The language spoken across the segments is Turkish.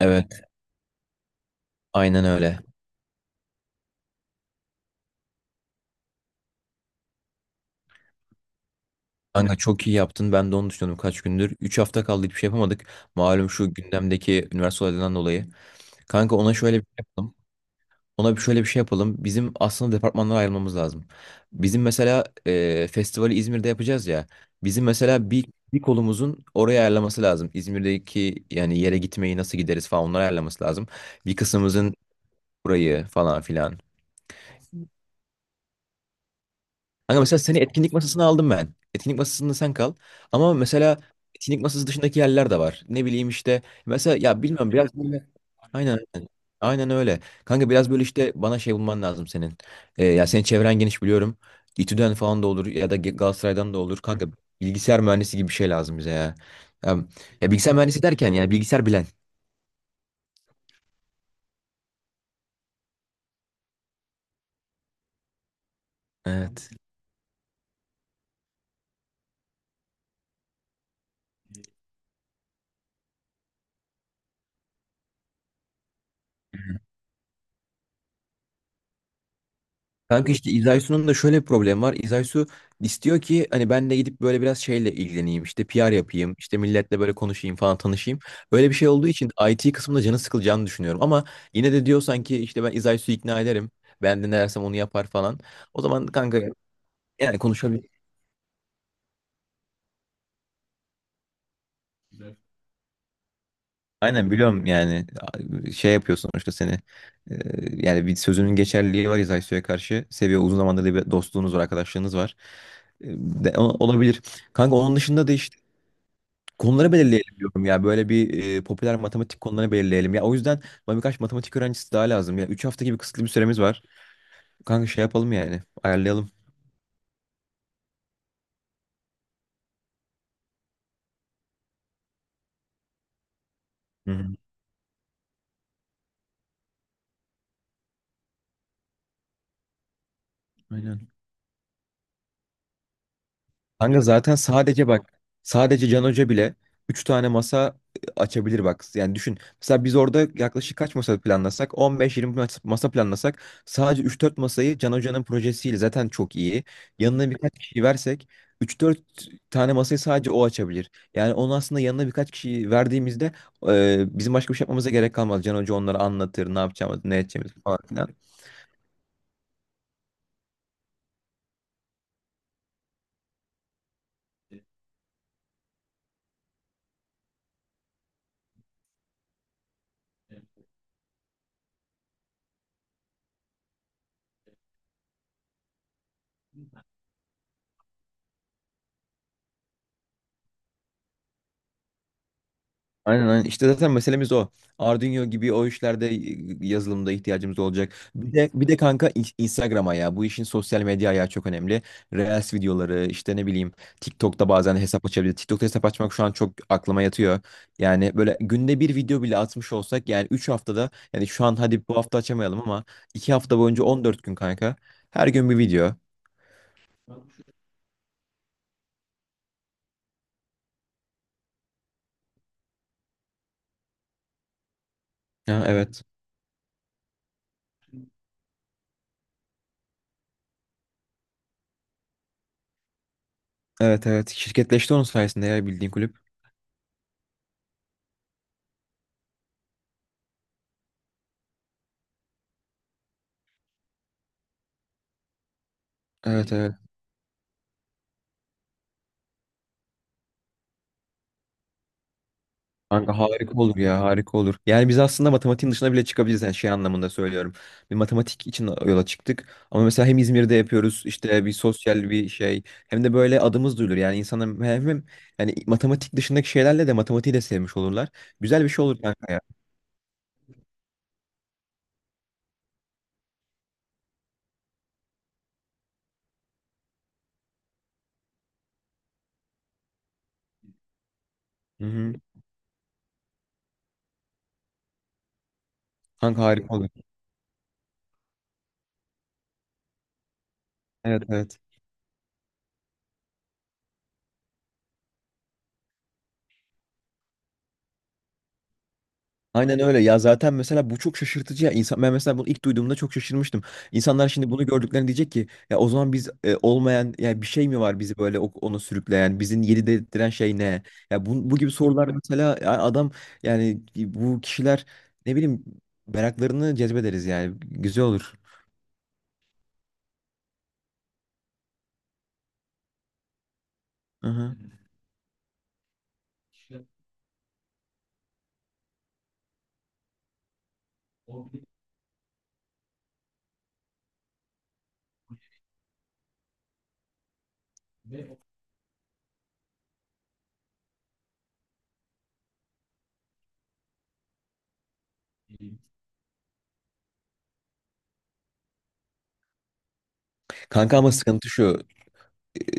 Evet, aynen öyle. Kanka çok iyi yaptın. Ben de onu düşünüyordum kaç gündür. 3 hafta kaldı, hiçbir şey yapamadık. Malum şu gündemdeki üniversite olaylarından dolayı. Kanka ona şöyle bir şey yapalım. Ona bir şöyle bir şey yapalım. Bizim aslında departmanlara ayrılmamız lazım. Bizim mesela festivali İzmir'de yapacağız ya. Bizim mesela bir kolumuzun oraya ayarlaması lazım. İzmir'deki yani yere gitmeyi nasıl gideriz falan onları ayarlaması lazım. Bir kısmımızın burayı falan filan. Kanka mesela seni etkinlik masasına aldım ben. Etkinlik masasında sen kal. Ama mesela etkinlik masası dışındaki yerler de var. Ne bileyim işte. Mesela ya bilmiyorum biraz böyle. Aynen, aynen. Aynen öyle. Kanka biraz böyle işte bana şey bulman lazım senin. Ya senin çevren geniş biliyorum. İTÜ'den falan da olur ya da Galatasaray'dan da olur. Kanka bilgisayar mühendisi gibi bir şey lazım bize ya. Ya, ya bilgisayar mühendisi derken yani bilgisayar bilen. Evet. Kanka işte İzaysu'nun da şöyle bir problemi var. İzaysu istiyor ki hani ben de gidip böyle biraz şeyle ilgileneyim. İşte PR yapayım. İşte milletle böyle konuşayım falan tanışayım. Böyle bir şey olduğu için IT kısmında canı sıkılacağını düşünüyorum. Ama yine de diyor sanki işte ben İzaysu'yu ikna ederim. Ben de ne dersem onu yapar falan. O zaman kanka yani konuşabilir. Aynen biliyorum yani şey yapıyorsun işte seni. Ee, Yani bir sözünün geçerliliği var İzaysu'ya karşı. Seviyor, uzun zamandır da bir dostluğunuz var, arkadaşlığınız var. Ee, Olabilir. Kanka onun dışında da konuları belirleyelim diyorum ya. Böyle bir popüler matematik konularını belirleyelim. Ya o yüzden bana birkaç matematik öğrencisi daha lazım. Ya 3 hafta gibi kısıtlı bir süremiz var. Kanka şey yapalım yani. Ayarlayalım. Hı hı. Aynen. Kanka zaten sadece bak, sadece Can Hoca bile 3 tane masa açabilir bak. Yani düşün. Mesela biz orada yaklaşık kaç masa planlasak? 15-20 masa planlasak, sadece üç dört masayı Can Hoca'nın projesiyle zaten çok iyi. Yanına birkaç kişi versek üç dört tane masayı sadece o açabilir. Yani onun aslında yanına birkaç kişi verdiğimizde bizim başka bir şey yapmamıza gerek kalmaz. Can Hoca onları anlatır, ne yapacağımızı, ne edeceğimizi falan filan. Aynen, aynen. İşte zaten meselemiz o. Arduino gibi o işlerde yazılımda ihtiyacımız olacak. Bir de kanka Instagram'a ya. Bu işin sosyal medya ayağı çok önemli. Reels videoları işte, ne bileyim, TikTok'ta bazen hesap açabiliriz. TikTok'ta hesap açmak şu an çok aklıma yatıyor. Yani böyle günde bir video bile atmış olsak yani 3 haftada, yani şu an hadi bu hafta açamayalım ama 2 hafta boyunca 14 gün kanka. Her gün bir video. Ha, evet. Evet, evet. Şirketleşti onun sayesinde ya, bildiğin kulüp. Evet, evet. Kanka harika olur ya, harika olur. Yani biz aslında matematiğin dışına bile çıkabiliriz, yani şey anlamında söylüyorum. Bir matematik için yola çıktık. Ama mesela hem İzmir'de yapıyoruz işte bir sosyal bir şey, hem de böyle adımız duyulur. Yani insana hem yani matematik dışındaki şeylerle de matematiği de sevmiş olurlar. Güzel bir şey olur kanka ya. Hı hı. Kanka harika olur. Evet, evet. Aynen öyle ya. Zaten mesela bu çok şaşırtıcı ya, insan, ben mesela bunu ilk duyduğumda çok şaşırmıştım. İnsanlar şimdi bunu gördüklerinde diyecek ki ya o zaman biz olmayan ya bir şey mi var bizi böyle onu sürükleyen, bizim yeri dedirten şey ne? Ya bu gibi sorular mesela, ya adam, yani bu kişiler, ne bileyim, meraklarını cezbederiz yani, güzel olur. Hı hı. Kanka ama sıkıntı şu.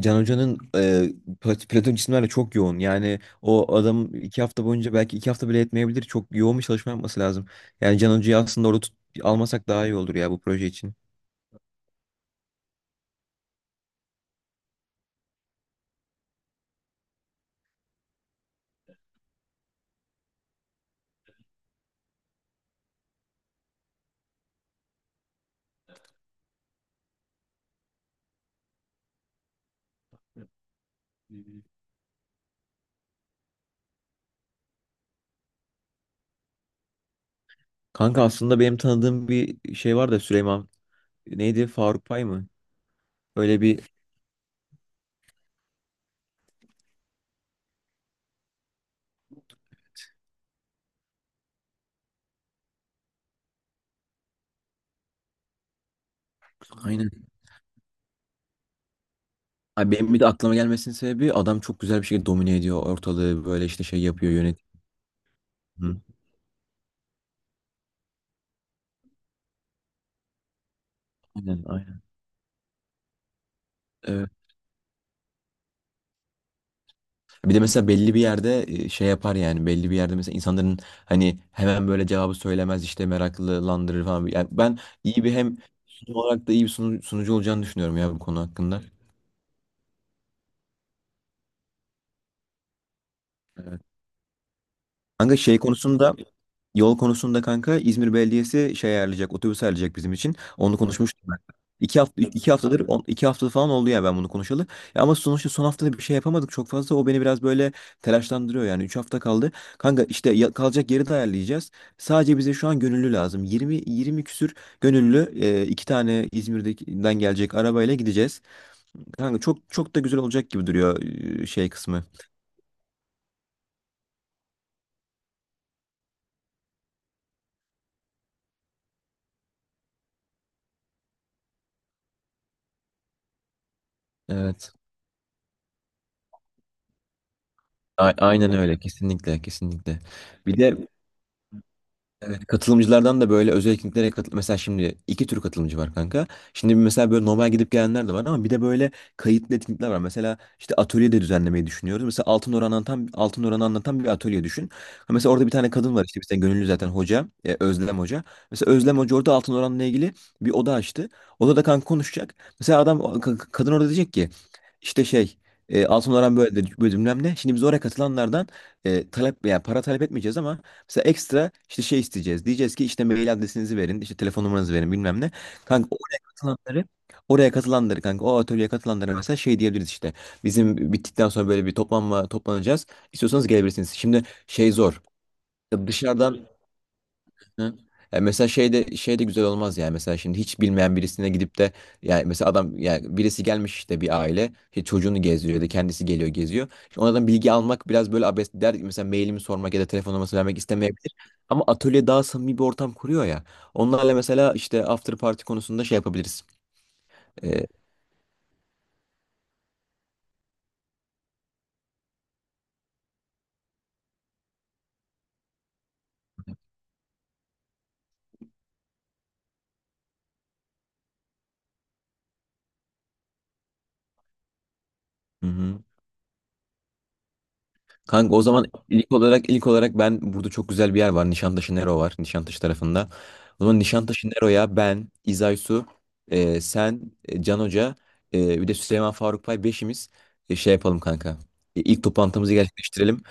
Can Hoca'nın Platon cisimlerle çok yoğun. Yani o adam 2 hafta boyunca belki 2 hafta bile etmeyebilir. Çok yoğun bir çalışma yapması lazım. Yani Can Hoca'yı aslında orada almasak daha iyi olur ya bu proje için. Kanka aslında benim tanıdığım bir şey var da, Süleyman. Neydi? Faruk Pay mı? Öyle bir aynen. Abi benim bir de aklıma gelmesinin sebebi, adam çok güzel bir şekilde domine ediyor ortalığı, böyle işte şey yapıyor, yönetiyor. Hı. Aynen, aynen. Evet. Bir de mesela belli bir yerde şey yapar yani, belli bir yerde mesela insanların hani hemen böyle cevabı söylemez, işte meraklılandırır falan. Yani ben iyi bir hem sunum olarak da iyi bir sunucu olacağını düşünüyorum ya bu konu hakkında. Kanka şey konusunda, yol konusunda kanka, İzmir Belediyesi şey ayarlayacak, otobüs ayarlayacak bizim için. Onu konuşmuştum ben. 2 hafta 2 haftadır 2 hafta falan oldu ya ben bunu konuşalı. Ya ama sonuçta son haftada bir şey yapamadık çok fazla. O beni biraz böyle telaşlandırıyor yani. 3 hafta kaldı. Kanka işte kalacak yeri de ayarlayacağız. Sadece bize şu an gönüllü lazım. Yirmi, 20 küsür gönüllü, iki tane İzmir'den gelecek arabayla gideceğiz. Kanka çok çok da güzel olacak gibi duruyor şey kısmı. Evet. Aynen öyle, kesinlikle, kesinlikle. Bir de evet, katılımcılardan da böyle özel etkinliklere katıl, mesela şimdi iki tür katılımcı var kanka. Şimdi bir, mesela böyle normal gidip gelenler de var, ama bir de böyle kayıtlı etkinlikler var. Mesela işte atölye de düzenlemeyi düşünüyoruz. Mesela Altın Oran'ı anlatan bir atölye düşün. Ha, mesela orada bir tane kadın var işte bizden gönüllü, zaten hoca, Özlem Hoca. Mesela Özlem Hoca orada Altın Oran'la ilgili bir oda açtı. Odada kanka konuşacak. Mesela adam, kadın orada diyecek ki işte şey, Altın Oran böyle de böyle bilmem ne. Şimdi biz oraya katılanlardan talep, yani para talep etmeyeceğiz ama mesela ekstra işte şey isteyeceğiz. Diyeceğiz ki işte mail adresinizi verin, işte telefon numaranızı verin bilmem ne. Kanka oraya katılanları, oraya katılanları, kanka, o atölyeye katılanlara mesela şey diyebiliriz işte. Bizim bittikten sonra böyle bir toplanma, toplanacağız. İstiyorsanız gelebilirsiniz. Şimdi şey zor. Ya, dışarıdan. Hı. Ya mesela şey de, şey de güzel olmaz yani, mesela şimdi hiç bilmeyen birisine gidip de, yani mesela adam, yani birisi gelmiş işte, bir aile işte çocuğunu gezdiriyor ya da kendisi geliyor geziyor. Şimdi onlardan bilgi almak biraz böyle abes der, mesela mailimi sormak ya da telefon numarasını vermek istemeyebilir. Ama atölye daha samimi bir ortam kuruyor ya. Onlarla mesela işte after party konusunda şey yapabiliriz. Ee, hı hı. Kanka o zaman ilk olarak ben, burada çok güzel bir yer var. Nişantaşı Nero var. Nişantaşı tarafında. O zaman Nişantaşı Nero'ya ben, İzaysu, sen, Can Hoca, bir de Süleyman Faruk Pay, beşimiz şey yapalım kanka. İlk toplantımızı gerçekleştirelim.